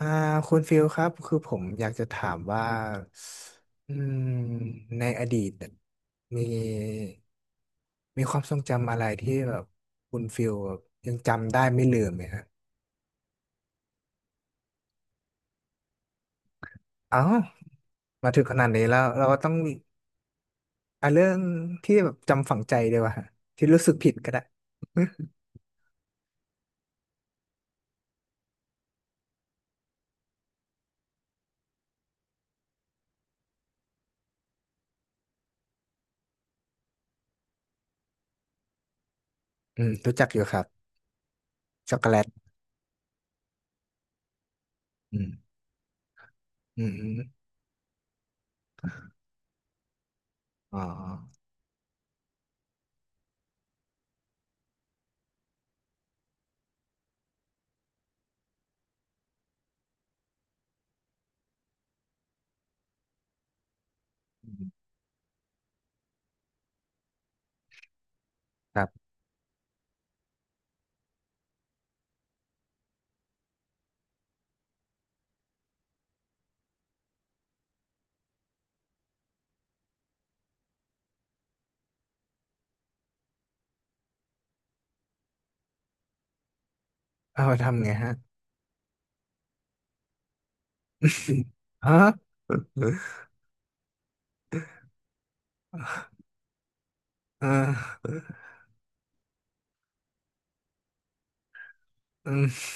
อ่าคุณฟิลครับคือผมอยากจะถามว่าอืมในอดีตเนี่ยมีมีความทรงจำอะไรที่แบบคุณฟิลแบบยังจำได้ไม่ลืมไหมฮะอ้าวมาถึงขนาดนี้แล้วเราก็ต้องอ่ะเรื่องที่แบบจำฝังใจด้วยว่าฮะที่รู้สึกผิดก็ได้ รู้จักอยู่ครับช็อกโกแลตอืมอมอ๋ออืมครับเอาทำไงฮะฮะ เอออืม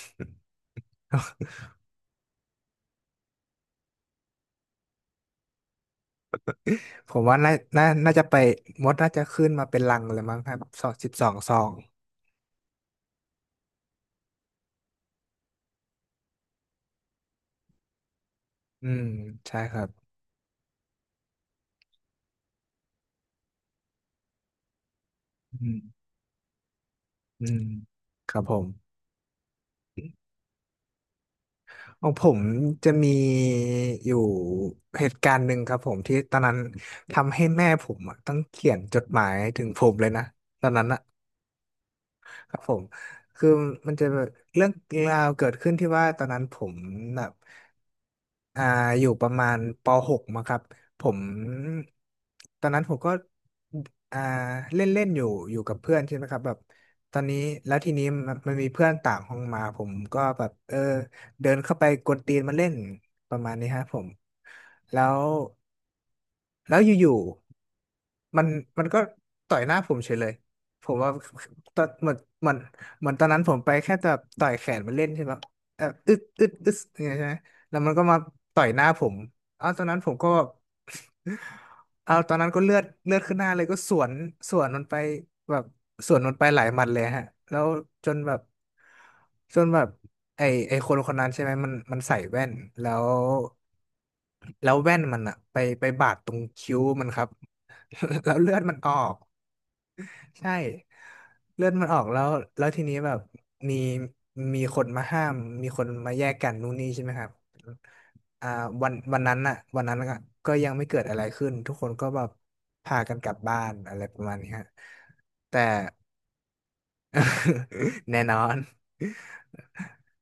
ผมว่าน่าจะไปมดน่าจะขึ้นมาเป็นรังเลยมั้งครับสองสิบสองซองอืมใช่ครับอืมอืมครับผมของผมจะมีอยู่เหตุการณ์หนึ่งครับผมที่ตอนนั้นทำให้แม่ผมอะต้องเขียนจดหมายถึงผมเลยนะตอนนั้นอะ ครับผมคือมันจะแบบเรื่องราวเกิดขึ้นที่ว่าตอนนั้นผมแบบอ่าอยู่ประมาณป .6 มั้งครับผมตอนนั้นผมก็อ่าเล่นเล่นอยู่กับเพื่อนใช่ไหมครับแบบตอนนี้แล้วทีนี้มันมีเพื่อนต่างห้องมาผมก็แบบเดินเข้าไปกวนตีนมาเล่นประมาณนี้ฮะผมแล้ว แล้วอยู่ๆมันก็ต่อยหน้าผมเฉยเลยผมว่าตอนเหมือนตอนนั้นผมไปแค่จะต่อยแขนมันเล่นใช่ไหมอึดอึดอึดอย่างเงี้ยใช่ไหมแล้วมันก็มาต่อยหน้าผม เอาวตอนนั้นผมก็ เอาตอนนั้นก็เลือดขึ้นหน้าเลยก็สวนมันไปแบบสวนมันไปหลายหมัดเลยฮะแล้วจนแบบจนแบบไอไอคนคนนั้นใช่ไหมมันใส่แว่นแล้วแว่นมันอะไปบาดตรงคิ้วมันครับ แล้วเลือดมันออก ใช่เลือดมันออกแล้วแล้วทีนี้แบบมีมีคนมาห้ามมีคนมาแยกกันนู่นนี่ใช่ไหมครับอ่าวันวันนั้นน่ะวันนั้นก็ยังไม่เกิดอะไรขึ้นทุกคนก็แบบพากันกลับบ้านอะไรประมาณนี้ฮะแต่ แน่นอน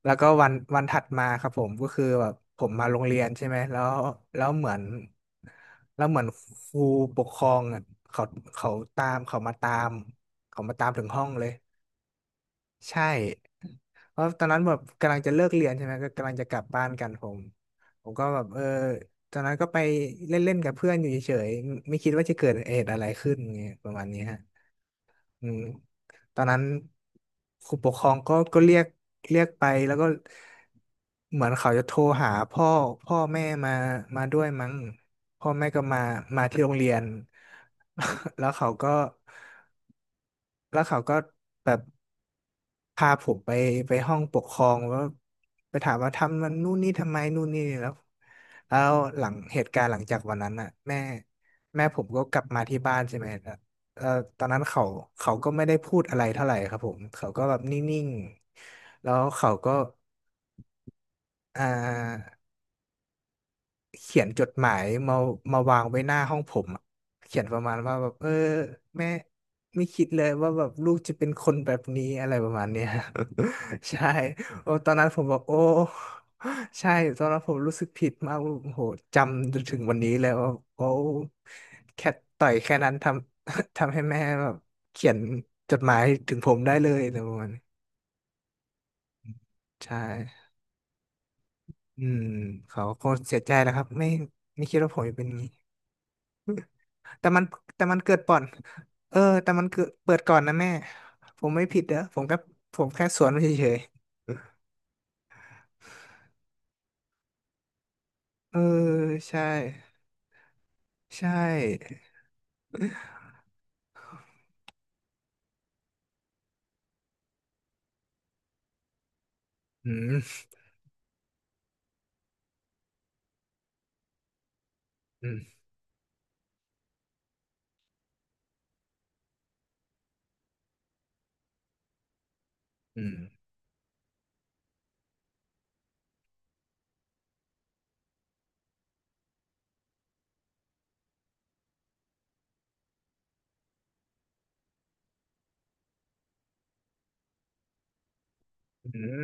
แล้วก็วันวันถัดมาครับผมก็คือแบบผมมาโรงเรียนใช่ไหมแล้วแล้วเหมือนแล้วเหมือนครูปกครองอะเขาเขาตามเขามาตามถึงห้องเลยใช่เพราะตอนนั้นแบบกำลังจะเลิกเรียนใช่ไหมก็กำลังจะกลับบ้านกันผมก็แบบตอนนั้นก็ไปเล่นๆกับเพื่อนอยู่เฉยๆไม่คิดว่าจะเกิดเหตุอะไรขึ้นไงประมาณนี้ฮะ อืมตอนนั้นครูปกครองก็เรียกไปแล้วก็เหมือนเขาจะโทรหาพ่อแม่มาด้วยมั้งพ่อแม่ก็มาที่โรงเรียน แล้วเขาก็แล้วเขาก็แบบพาผมไปห้องปกครองแล้วไปถามว่าทำมันนู่นนี่ทำไมนู่นนี่แล้วแล้วหลังเหตุการณ์หลังจากวันนั้นอ่ะแม่ผมก็กลับมาที่บ้านใช่ไหม เอ่อตอนนั้นเขาก็ไม่ได้พูดอะไรเท่าไหร่ครับผม เขาก็แบบนิ่งๆ แล้วเขาก็อ่า เขียนจดหมายมาวางไว้หน้าห้องผมอะเขียนประมาณว่าแบบแม่ไม่คิดเลยว่าแบบลูกจะเป็นคนแบบนี้อะไรประมาณเนี้ย ใช่โอ้ตอนนั้นผมบอกโอ้ใช่ตอนนั้นผมรู้สึกผิดมากโอ้โหจำจนถึงวันนี้เลยว่าโอ้แค่ต่อยแค่นั้นทำ ทำให้แม่แบบเขียนจดหมายถึงผมได้เลยอะไรประมาณนี้ใช่อืมเขาคงเสียใจนะครับไม่คิดว่าผมจะเป็นอย่างนี้ แต่มันเกิดก่อนแต่มันเกิดเปิดก่อนนะแม่ ผมไม่ผิดเด้อผมแค่สวนมันเฉยๆใช่ใช่อืมอืมอืมอืม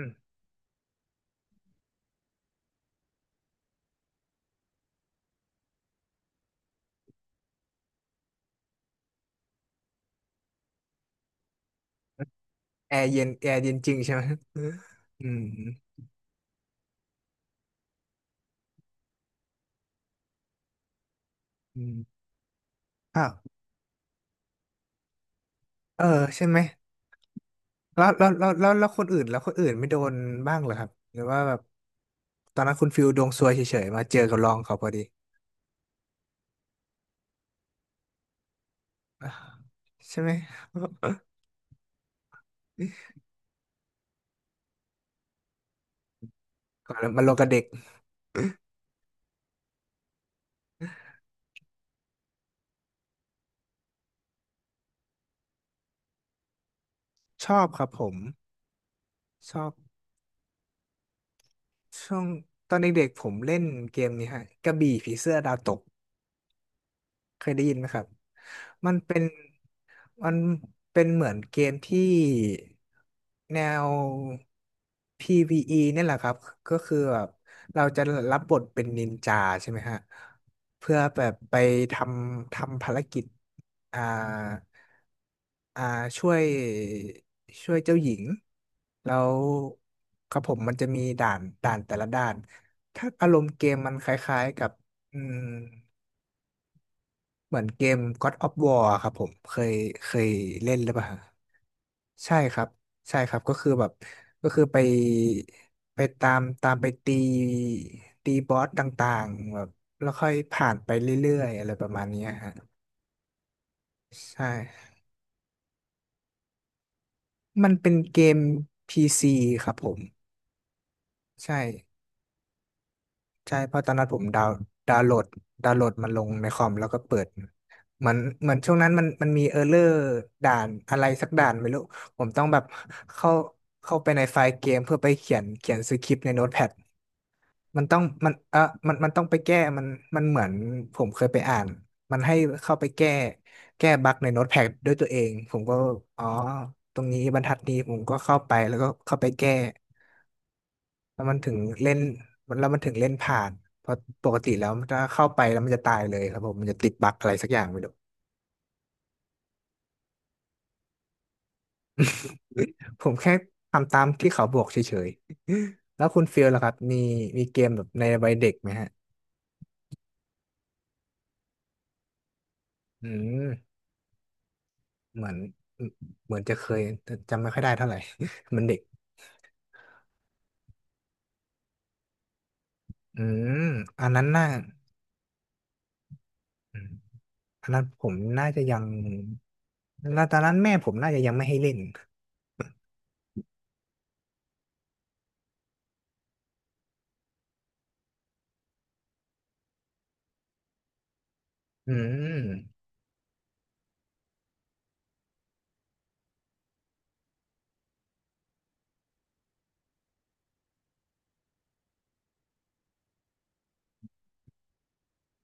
แอร์เย็นแอร์เย็นจริงใช่ไหมอืมอืมอืมอ้าวเออใช่ไหมแล้วคนอื่นไม่โดนบ้างเหรอครับหรือว่าแบบตอนนั้นคุณฟิลดวงซวยเฉยๆมาเจอกับรองเขาพอดีอ่ะใช่ไหม ก่อนแล้วมาลงกับเด็กชอบครับผมชอบ ช่วงตอนเด็กๆผมเล่นเกมนี้ฮะกระบี่ผีเสื้อดาวตกเคยได้ยินไหมครับมันเป็น มันเป็นเหมือนเกมที่แนว PVE เนี่ยแหละครับ ก็คือแบบเราจะรับบทเป็นนินจาใช่ไหมฮะเพื่อแบบไปททำภารกิจอ่าอ่าช่วยช่วยเจ้าหญิงแล้วครับผมมันจะมีด่านแต่ละด่านถ้าอารมณ์เกมมันคล้ายๆกับอืม เหมือนเกม God of War อะครับผมเคยเล่นหรือเปล่าฮะใช่ครับใช่ครับก็คือแบบก็คือไปไปตามตามไปตีบอสต่างๆแบบแล้วค่อยผ่านไปเรื่อยๆอะไรประมาณเนี้ยฮะใช่มันเป็นเกม PC ครับผมใช่ ใช่เพราะตอนนั้นผมดาวน์โหลดดาวน์โหลดมันลงในคอมแล้วก็เปิดมันเหมือนช่วงนั้นมันมีเออร์เลอร์ด่านอะไรสักด่านไม่รู้ผมต้องแบบเข้าเข้าไปในไฟล์เกมเพื่อไปเขียนสคริปต์ในโน้ตแพดมันต้องมันเออมันต้องไปแก้มันมันเหมือนผมเคยไปอ่านมันให้เข้าไปแก้บั๊กในโน้ตแพดด้วยตัวเองผมก็อ๋อตรงนี้บรรทัดนี้ผมก็เข้าไปแล้วก็เข้าไปแก้ แล้วมันถึงเล่นแล้วมันถึงเล่นผ่านเพราะปกติแล้วมันจะเข้าไปแล้วมันจะตายเลยครับผมมันจะติดบั๊กอะไรสักอย่างไม่รู้ผมแค่ทำตามที่เขาบอกเฉยๆแล้วคุณฟิลล่ะครับมีเกมแบบในวัยเด็กไหมฮะอืมเหมือนเหมือนจะเคยแต่จำไม่ค่อยได้เท่าไหร่ มันเด็กอืมอันนั้นน่าอืมอันนั้นผมน่าจะยังแล้วตอนนั้นแม่ผมน่าจะยังไม่ให้เล่นอืม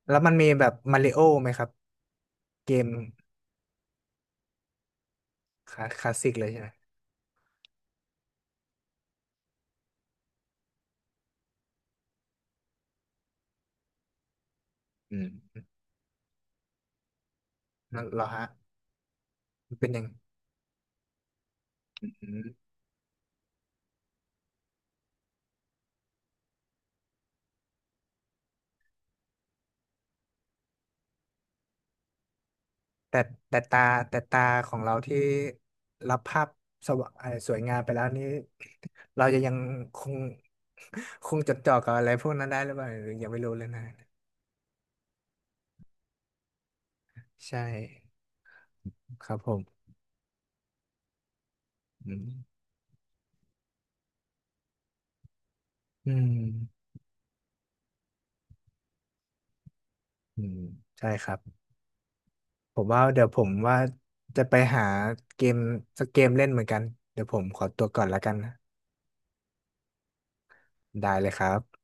แล้วมันมีแบบมาริโอไหมครับเกม คลาสสิกเลยใช่ไหมอืมนั่นเหรอฮะมันเป็นยังอืมแต่แต่ตาแต่ตาของเราที่รับภาพสวะเอ่อสวยงามไปแล้วนี่ เราจะยังคง คงจดจ่อกับอะไรพวกนั้นได้หรือเปล่าหรือยังไม่รู้เลยนะใช่ครับผมอืมอืมอืมใช่ครับผมว่าจะไปหาเกมสักเกมเล่นเหมือนกันเดี๋ยวผมขอตัวก่อนแล้วกันนะได้เลยครับ